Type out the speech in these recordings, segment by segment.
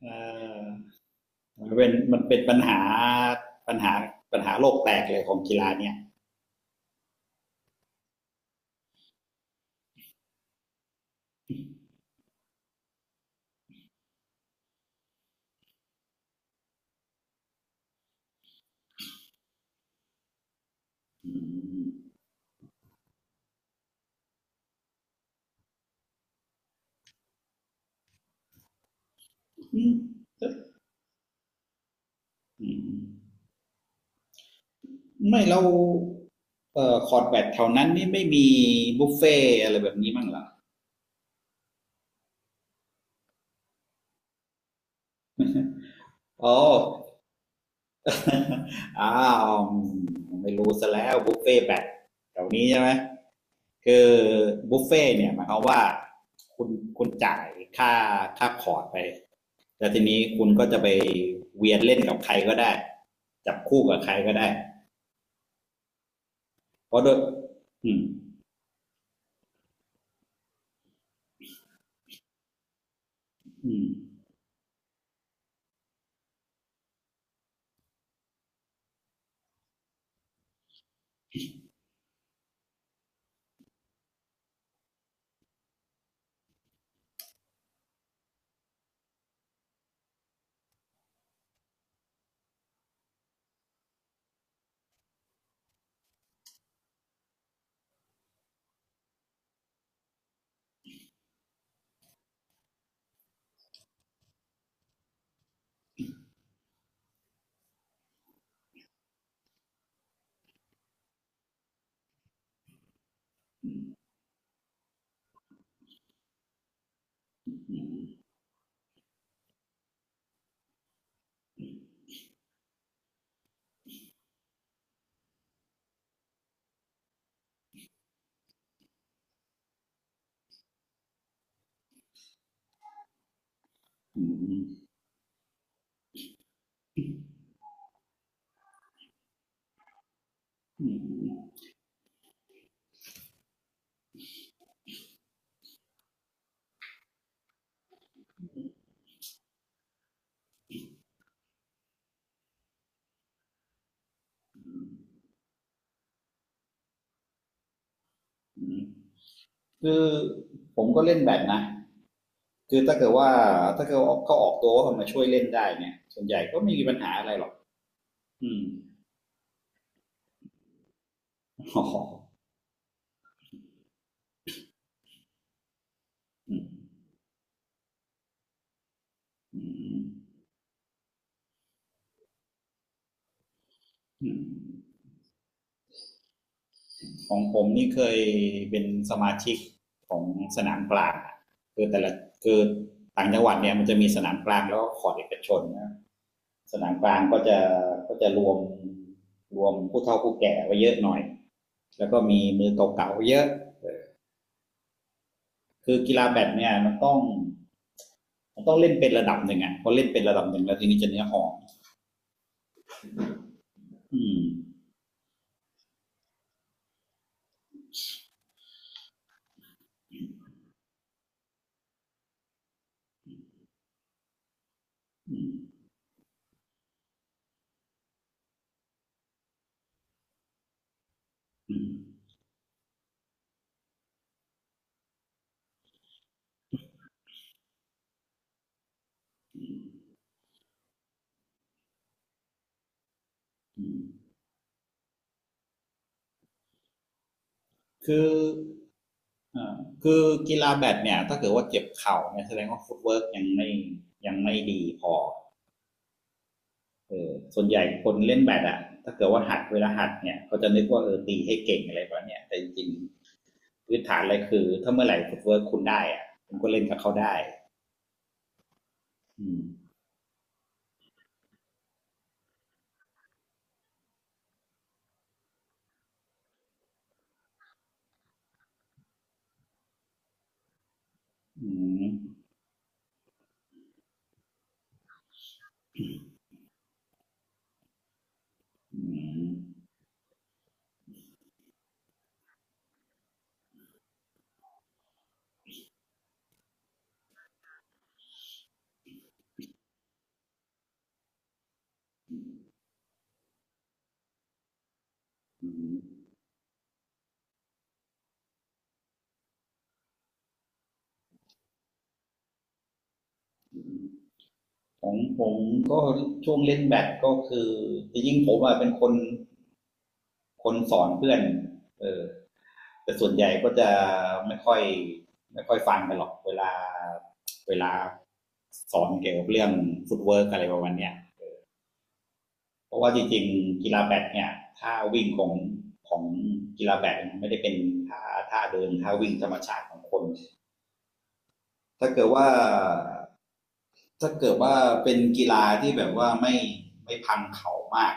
เออมันเป็นปัญหาปัญหาโลกแตกเลยของกีฬาเนี่ยอืมอืมอืมไม่เราคอร์ดแบดแถวนั้นนี่ไม่มีบุฟเฟ่ต์อะไรแบบนี้มั้งเหรออ๋อ อ้าวไม่รู้ซะแล้วบุฟเฟ่ต์แบดแถวนี้ใช่ไหม คือบุฟเฟ่ตเนี่ยหมายความว่าคุณคุณจ่ายค่าค่าคอร์สไปแล่ทีนี้คุณก็จะไปเวียนเล่นกับใครก็ได้จับคู่กับใครก็ได้เพราะด้วยอืมอืมอืมอืมอืมอืมคือผมก็เล่นแบบนะคือถ้าเกิดว่าเขาออกตัวว่าเขามาช่วยเล่นได้เนี่ยส่วนใหญ่ก็ไม่มีปัญหาอะไรหรอกอืมอ๋ออืมอืมอืม ของผมนี่เคยเป็นสมาชิกของสนามกลางคือแต่ละคือต่างจังหวัดเนี่ยมันจะมีสนามกลางแล้วก็ขอดเอกชนนะสนามกลางก็จะรวมผู้เฒ่าผู้แก่ไว้เยอะหน่อยแล้วก็มีมือเก่าๆเยอะคือกีฬาแบดเนี่ยมันต้องเล่นเป็นระดับหนึ่งอ่ะพอเล่นเป็นระดับหนึ่งแล้วทีนี้จะเนื้อหออืมอืมอืมอืมคือ อ่าคือกีฬาแบดเนี่ยถ้าเกิดว่าเจ็บเข่าเนี่ยแสดงว่าฟุตเวิร์กยังไม่ดีพอเออส่วนใหญ่คนเล่นแบดอะถ้าเกิดว่าหัดเวลาหัดเนี่ยเขาจะนึกว่าเออตีให้เก่งอะไรแบบเนี้ยแต่จริงๆพื้นฐานอะไรคือถ้าเมื่อไหร่ฟุตเวิร์กคุณได้อะคุณก็เล่นกับเขาได้อืมอืมอืมอืมของผมก็ช่วงเล่นแบดก็คือจริงๆผมอะเป็นคนสอนเพื่อนเออ แต่ส่วนใหญ่ก็จะไม่ค่อยไม่ค่อยฟังกันหรอกเวลาสอนเกี่ยวกับเรื่องฟุตเวิร์กอะไรประมาณเนี้ยเพราะว่าจริงๆกีฬาแบดเนี่ยท่าวิ่งของกีฬาแบดมันไม่ได้เป็นท่าท่าเดินท่าวิ่งธรรมชาติของคนถ้าเกิดว่าถ้าเกิดว่าเป็นกีฬาที่แบบว่าไม่พังเข่ามาก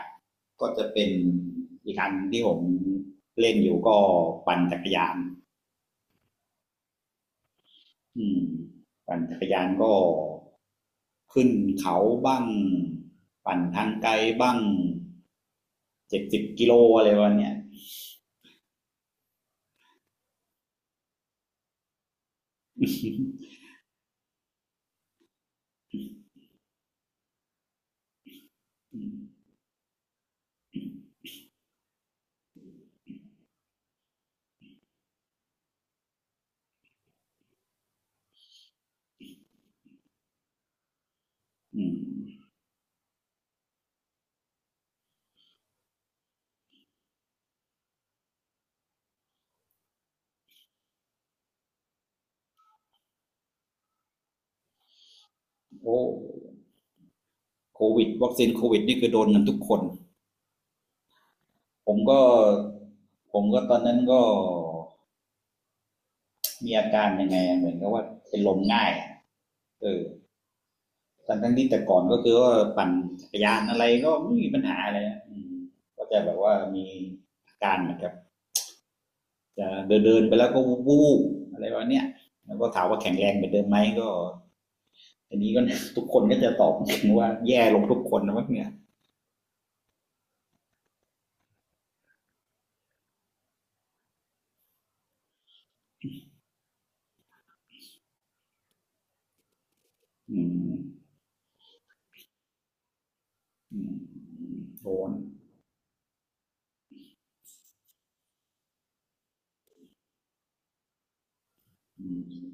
ก็จะเป็นอีกอันที่ผมเล่นอยู่ก็ปั่นจักรยาน อืมปั่นจักรยานก็ขึ้นเขาบ้างปั่นทางไกลบ้างเจ็ดสิบกิโลอะไรวันเนี้ยอืมอืมโอ้โควิดวัคซีนโควิดนี่คือโดนกันทุกคนผมก็ผมก็ตอนนั้นก็มีอาการยังไงอะเหมือนกับว่าเป็นลมง่ายอะเออทั้งที่แต่ก่อนก็คือว่าปั่นจักรยานอะไรก็ไม่มีปัญหาอะไรอะก็จะแบบว่ามีอาการเหมือนกับ จะเดินๆไปแล้วก็วูบๆอะไรวะเนี่ยแล้วก็ถามว่าแข็งแรงเหมือนเดิมไหมก็อันนี้ก็ ทุกคนก็จะตอบว่าแย่ลงทุกคนนะวะเนี่ยอืมอืมโดนอืม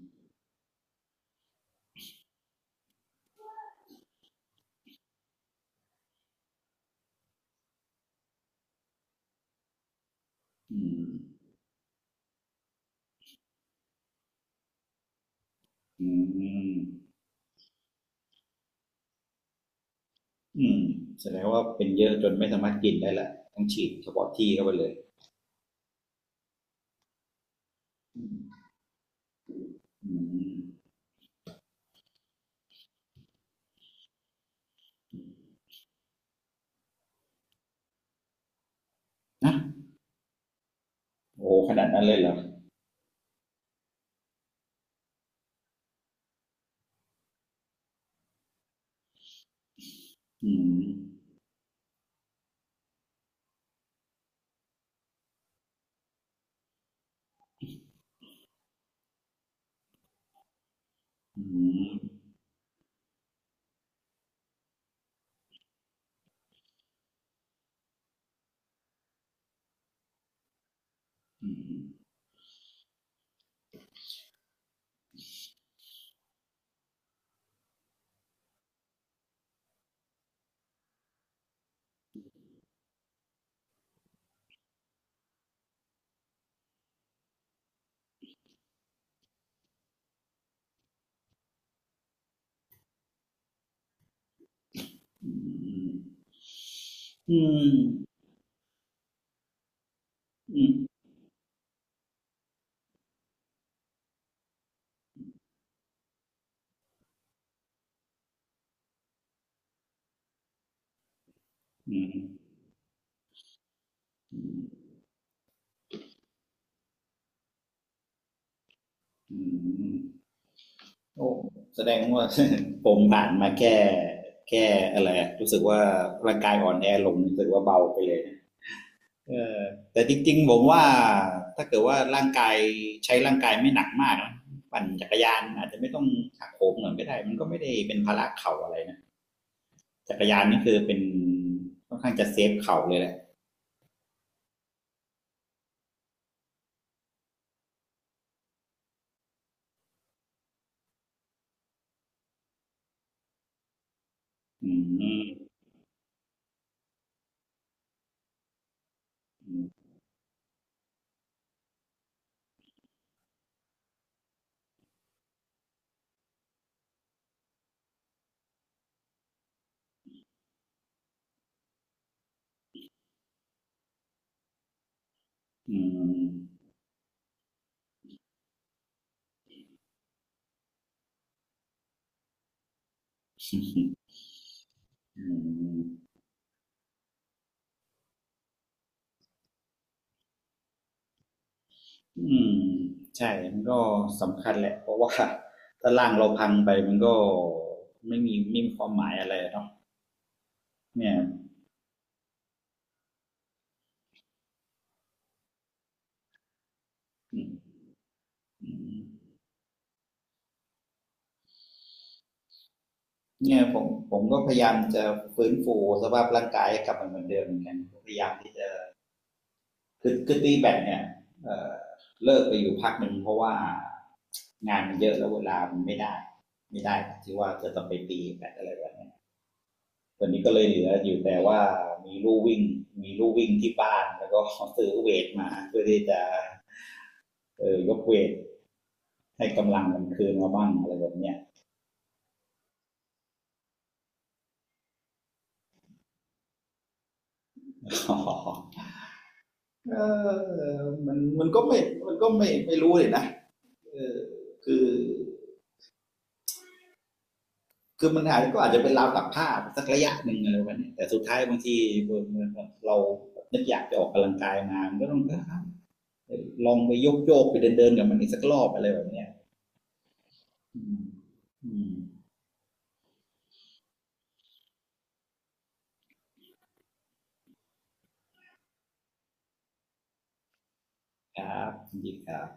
อืมอืมอืมแสดงว่าเป็นเยอะจนไม่สามารถกินได้ละต้องฉีดเฉพาะที่เข้าไปเลยอืมนะโอ้ขนาดนั้นเลยเหรออืมอืมอืมอืมอืมอืมอืมอืม โอ้แสดงว่า ผมผ่านมาแค่อะไรอะรู้สึกว่าร่างกายอ่อนแอลงรู้สึกว่าเบาไปเลยนะเออแต่จริงๆผมว่าถ้าเกิดว่าร่างกายใช้ร่างกายไม่หนักมากนะปั่นจักรยานอาจจะไม่ต้องหักโหมเหมือนก็ได้มันก็ไม่ได้เป็นภาระเข่าอะไรนะจักรยานนี่คือเป็นค่อนข้างจะเซฟเข่าเลยแหละอืมอืมอืม อืมใช่มันก็สำคัญแหละเพราะว่า ถ้าร่างเราพังไปมันก็ไม่มีความหมายอะไรเนาะเนี่ยอืมอืมเนี่ยผมก็พยายามจะฟื้นฟูสภาพร่างกายให้กลับมาเหมือนเดิมเหมือนกันพยายามที่จะคือตีแบตเนี่ยเอ่อเลิกไปอยู่พักหนึ่งเพราะว่างานมันเยอะแล้วเวลามันไม่ได้ที่ว่าจะต้องไปตีแบตอะไรแบบ ตอนนี้ก็เลยเหลืออยู่แต่ว่ามีลู่วิ่งมีลู่วิ่งที่บ้านแล้วก็ซื้อเวทมาเพื่อที่จะยกเวทให้กำลังมันคืนมาบ้างอะไรแบบเนี้ย เออมันมันก็ไม่มันก็ไม่ไม่รู้เลยนะเออคือคือมันอาจก็อาจจะเป็นราวตักผ้าสักระยะหนึ่งอะไรแบบนี้แต่สุดท้ายบางทีเรานึกอยากจะออกกำลังกายมาก็ต้องลองไปโยกโยกไปเดินเดินกับมันอีกสักรอบอะไรแบบเนี้ยอืม ครับยินดีครับ